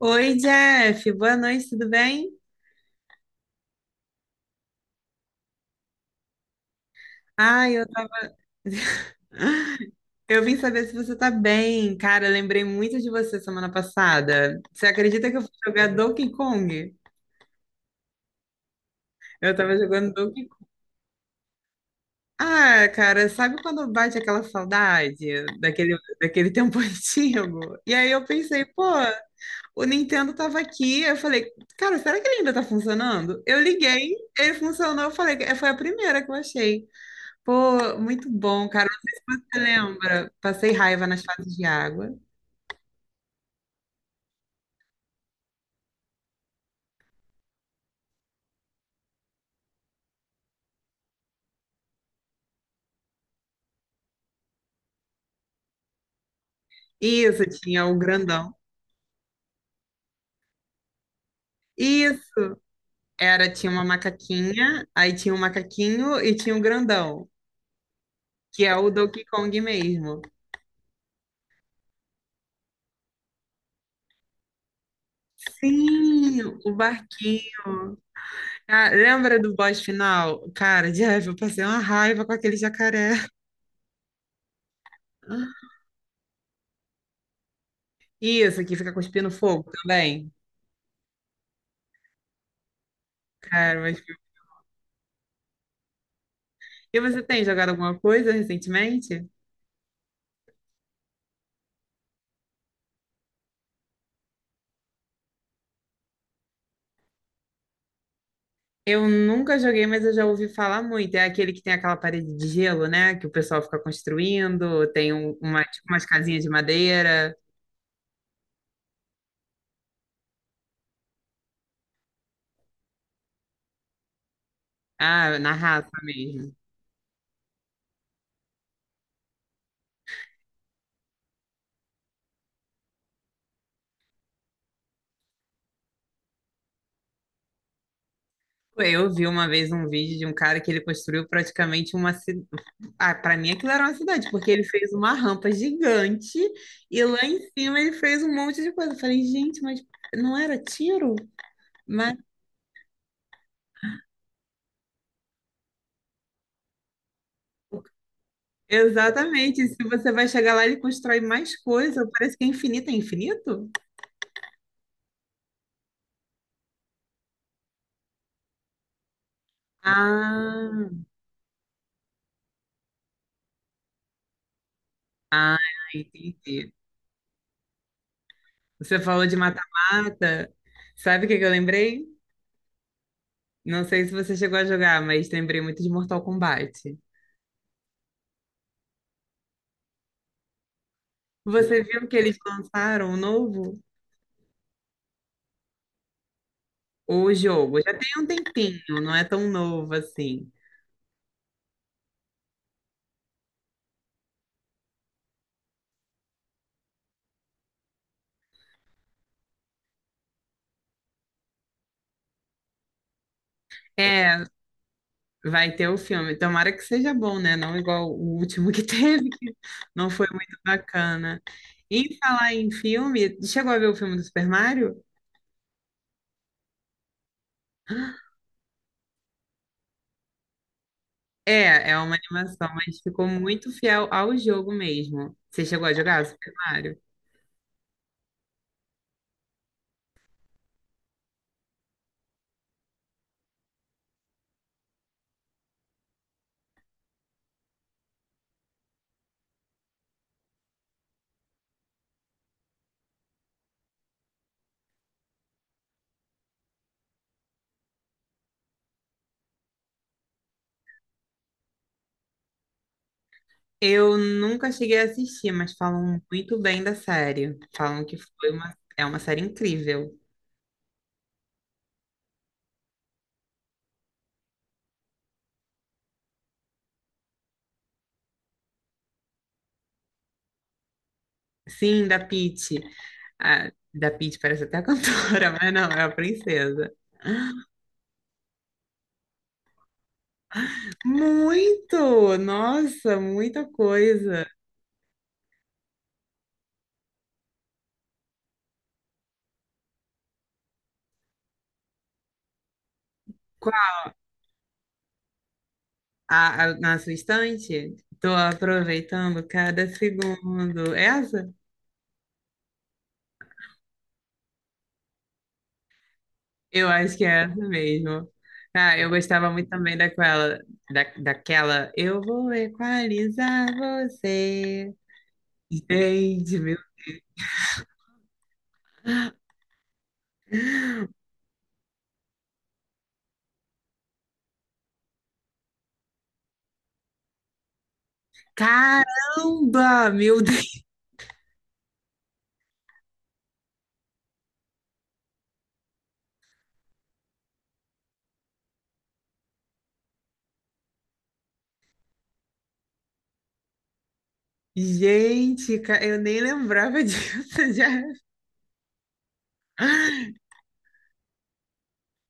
Oi, Jeff, boa noite, tudo bem? Ai, eu tava... Eu vim saber se você tá bem. Cara, eu lembrei muito de você semana passada. Você acredita que eu fui jogar Donkey Kong? Eu tava jogando Donkey Kong. Ah, cara, sabe quando bate aquela saudade daquele tempo antigo? E aí eu pensei, pô, o Nintendo tava aqui. Eu falei, cara, será que ele ainda tá funcionando? Eu liguei, ele funcionou. Eu falei, "É, foi a primeira que eu achei. Pô, muito bom, cara. Não sei se você lembra. Passei raiva nas fases de água. Isso, tinha o grandão. Isso, era, tinha uma macaquinha, aí tinha um macaquinho e tinha um grandão, que é o Donkey Kong mesmo. Sim, o barquinho. Ah, lembra do boss final? Cara, Jeff, eu passei uma raiva com aquele jacaré. Isso, que fica cuspindo fogo também. Cara, mas... E você tem jogado alguma coisa recentemente? Eu nunca joguei, mas eu já ouvi falar muito. É aquele que tem aquela parede de gelo, né? Que o pessoal fica construindo, tem uma, tipo, umas casinhas de madeira. Ah, na raça mesmo. Eu vi uma vez um vídeo de um cara que ele construiu praticamente uma cidade. Ah, para mim aquilo era uma cidade, porque ele fez uma rampa gigante e lá em cima ele fez um monte de coisa. Eu falei, gente, mas não era tiro? Mas exatamente, se você vai chegar lá, ele constrói mais coisa. Parece que é infinito, é infinito? Ah, entendi. Você falou de mata-mata. Sabe o que que eu lembrei? Não sei se você chegou a jogar, mas lembrei muito de Mortal Kombat. Você viu que eles lançaram o novo? O jogo. Já tem um tempinho, não é tão novo assim. É, vai ter o filme. Tomara que seja bom, né? Não igual o último que teve, que não foi muito bacana. Em falar em filme, chegou a ver o filme do Super Mario? É, é uma animação, mas ficou muito fiel ao jogo mesmo. Você chegou a jogar Super Mario? Eu nunca cheguei a assistir, mas falam muito bem da série. Falam que foi uma, é uma série incrível. Sim, da Peach. Ah, da Peach parece até a cantora, mas não, é a princesa. Muito! Nossa, muita coisa. Na sua estante? Tô aproveitando cada segundo. É essa? Eu acho que é essa mesmo. Ah, eu gostava muito também da, daquela. Eu vou equalizar você. Gente, meu. Caramba! Meu Deus! Gente, eu nem lembrava disso. Já.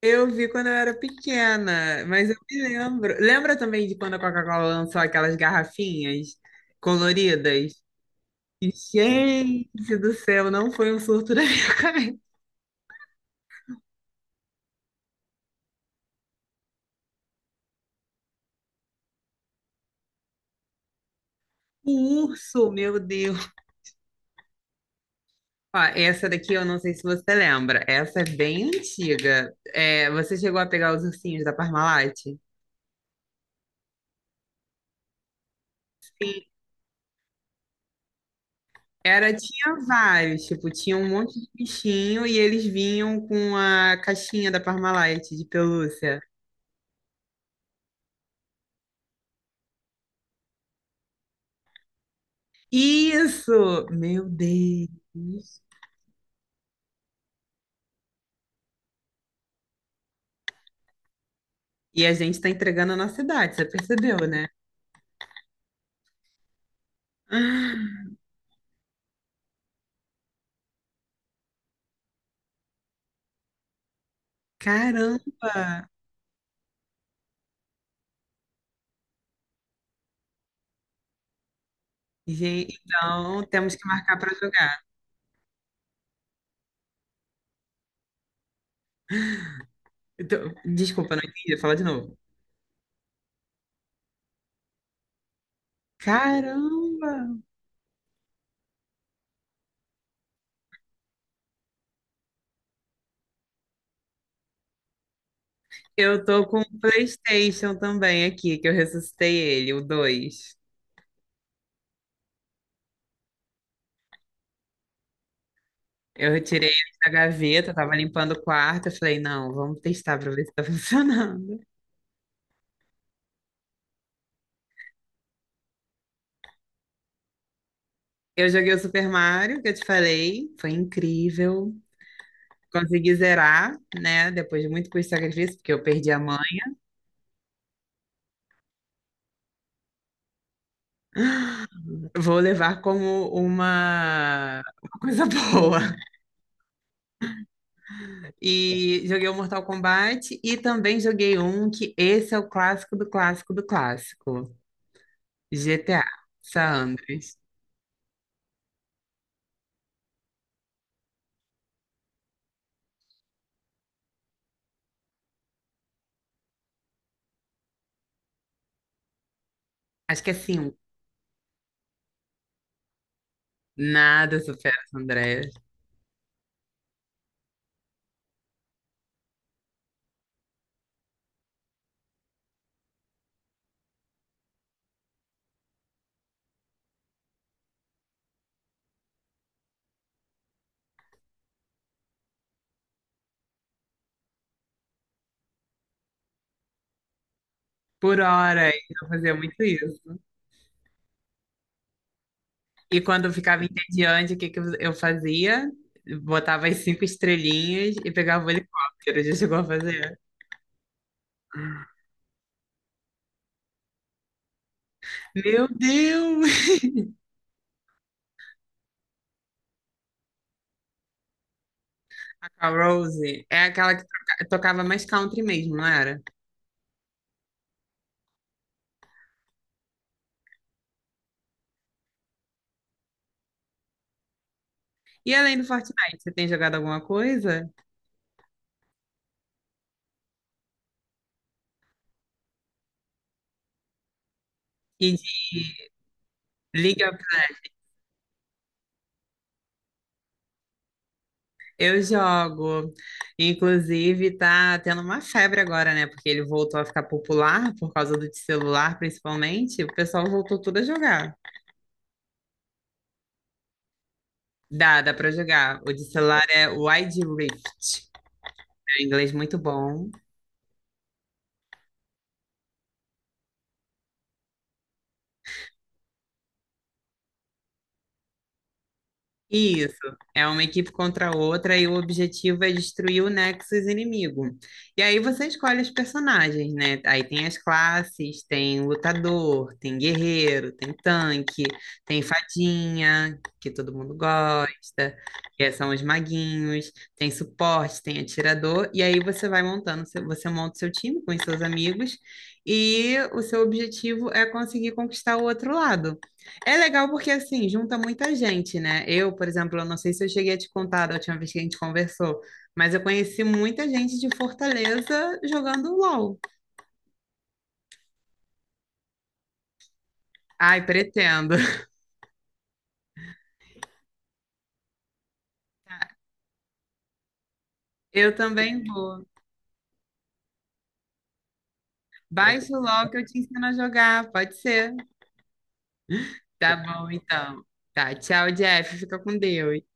Eu vi quando eu era pequena, mas eu me lembro. Lembra também de quando a Coca-Cola lançou aquelas garrafinhas coloridas? Gente do céu, não foi um surto da minha cabeça. O urso, meu Deus. Ó, essa daqui eu não sei se você lembra. Essa é bem antiga. É, você chegou a pegar os ursinhos da Parmalat? Era, tinha vários, tipo, tinha um monte de bichinho e eles vinham com a caixinha da Parmalat de pelúcia. Isso! Meu Deus! E a gente tá entregando a nossa idade, você percebeu, né? Ah, caramba! Gente, então temos que marcar pra jogar. Então, desculpa, não entendi. Fala de novo. Caramba! Eu tô com o PlayStation também aqui, que eu ressuscitei ele, o 2. Eu retirei ele da gaveta, tava limpando o quarto, eu falei, não, vamos testar pra ver se tá funcionando. Eu joguei o Super Mario, que eu te falei, foi incrível. Consegui zerar, né, depois de muito custo e sacrifício, porque eu perdi a mãe. Vou levar como uma coisa boa. E joguei o Mortal Kombat e também joguei um que esse é o clássico do clássico do clássico. GTA, Sandres. Acho que assim, nada supera as Andreas. Por horas eu fazia muito isso. E quando eu ficava entediante, o que que eu fazia? Botava as 5 estrelinhas e pegava o helicóptero. Já chegou a fazer? Meu Deus! A Rose é aquela que tocava mais country mesmo, não era? E além do Fortnite, você tem jogado alguma coisa? E de League. Eu jogo. Inclusive, tá tendo uma febre agora, né? Porque ele voltou a ficar popular por causa do de celular, principalmente. O pessoal voltou tudo a jogar. Dá, dá pra jogar. O de celular é Wide Rift. É um inglês muito bom. Isso, é uma equipe contra a outra e o objetivo é destruir o Nexus inimigo. E aí você escolhe os personagens, né? Aí tem as classes, tem lutador, tem guerreiro, tem tanque, tem fadinha, que todo mundo gosta, que são os maguinhos, tem suporte, tem atirador, e aí você vai montando, você monta o seu time com os seus amigos e o seu objetivo é conseguir conquistar o outro lado. É legal porque, assim, junta muita gente, né? Eu, por exemplo, eu não sei se eu cheguei a te contar da última vez que a gente conversou, mas eu conheci muita gente de Fortaleza jogando LOL. Ai, pretendo. Eu também vou. Baixa o LOL que eu te ensino a jogar, pode ser? Tá bom, então. Tá, tchau, Jeff. Fica com Deus.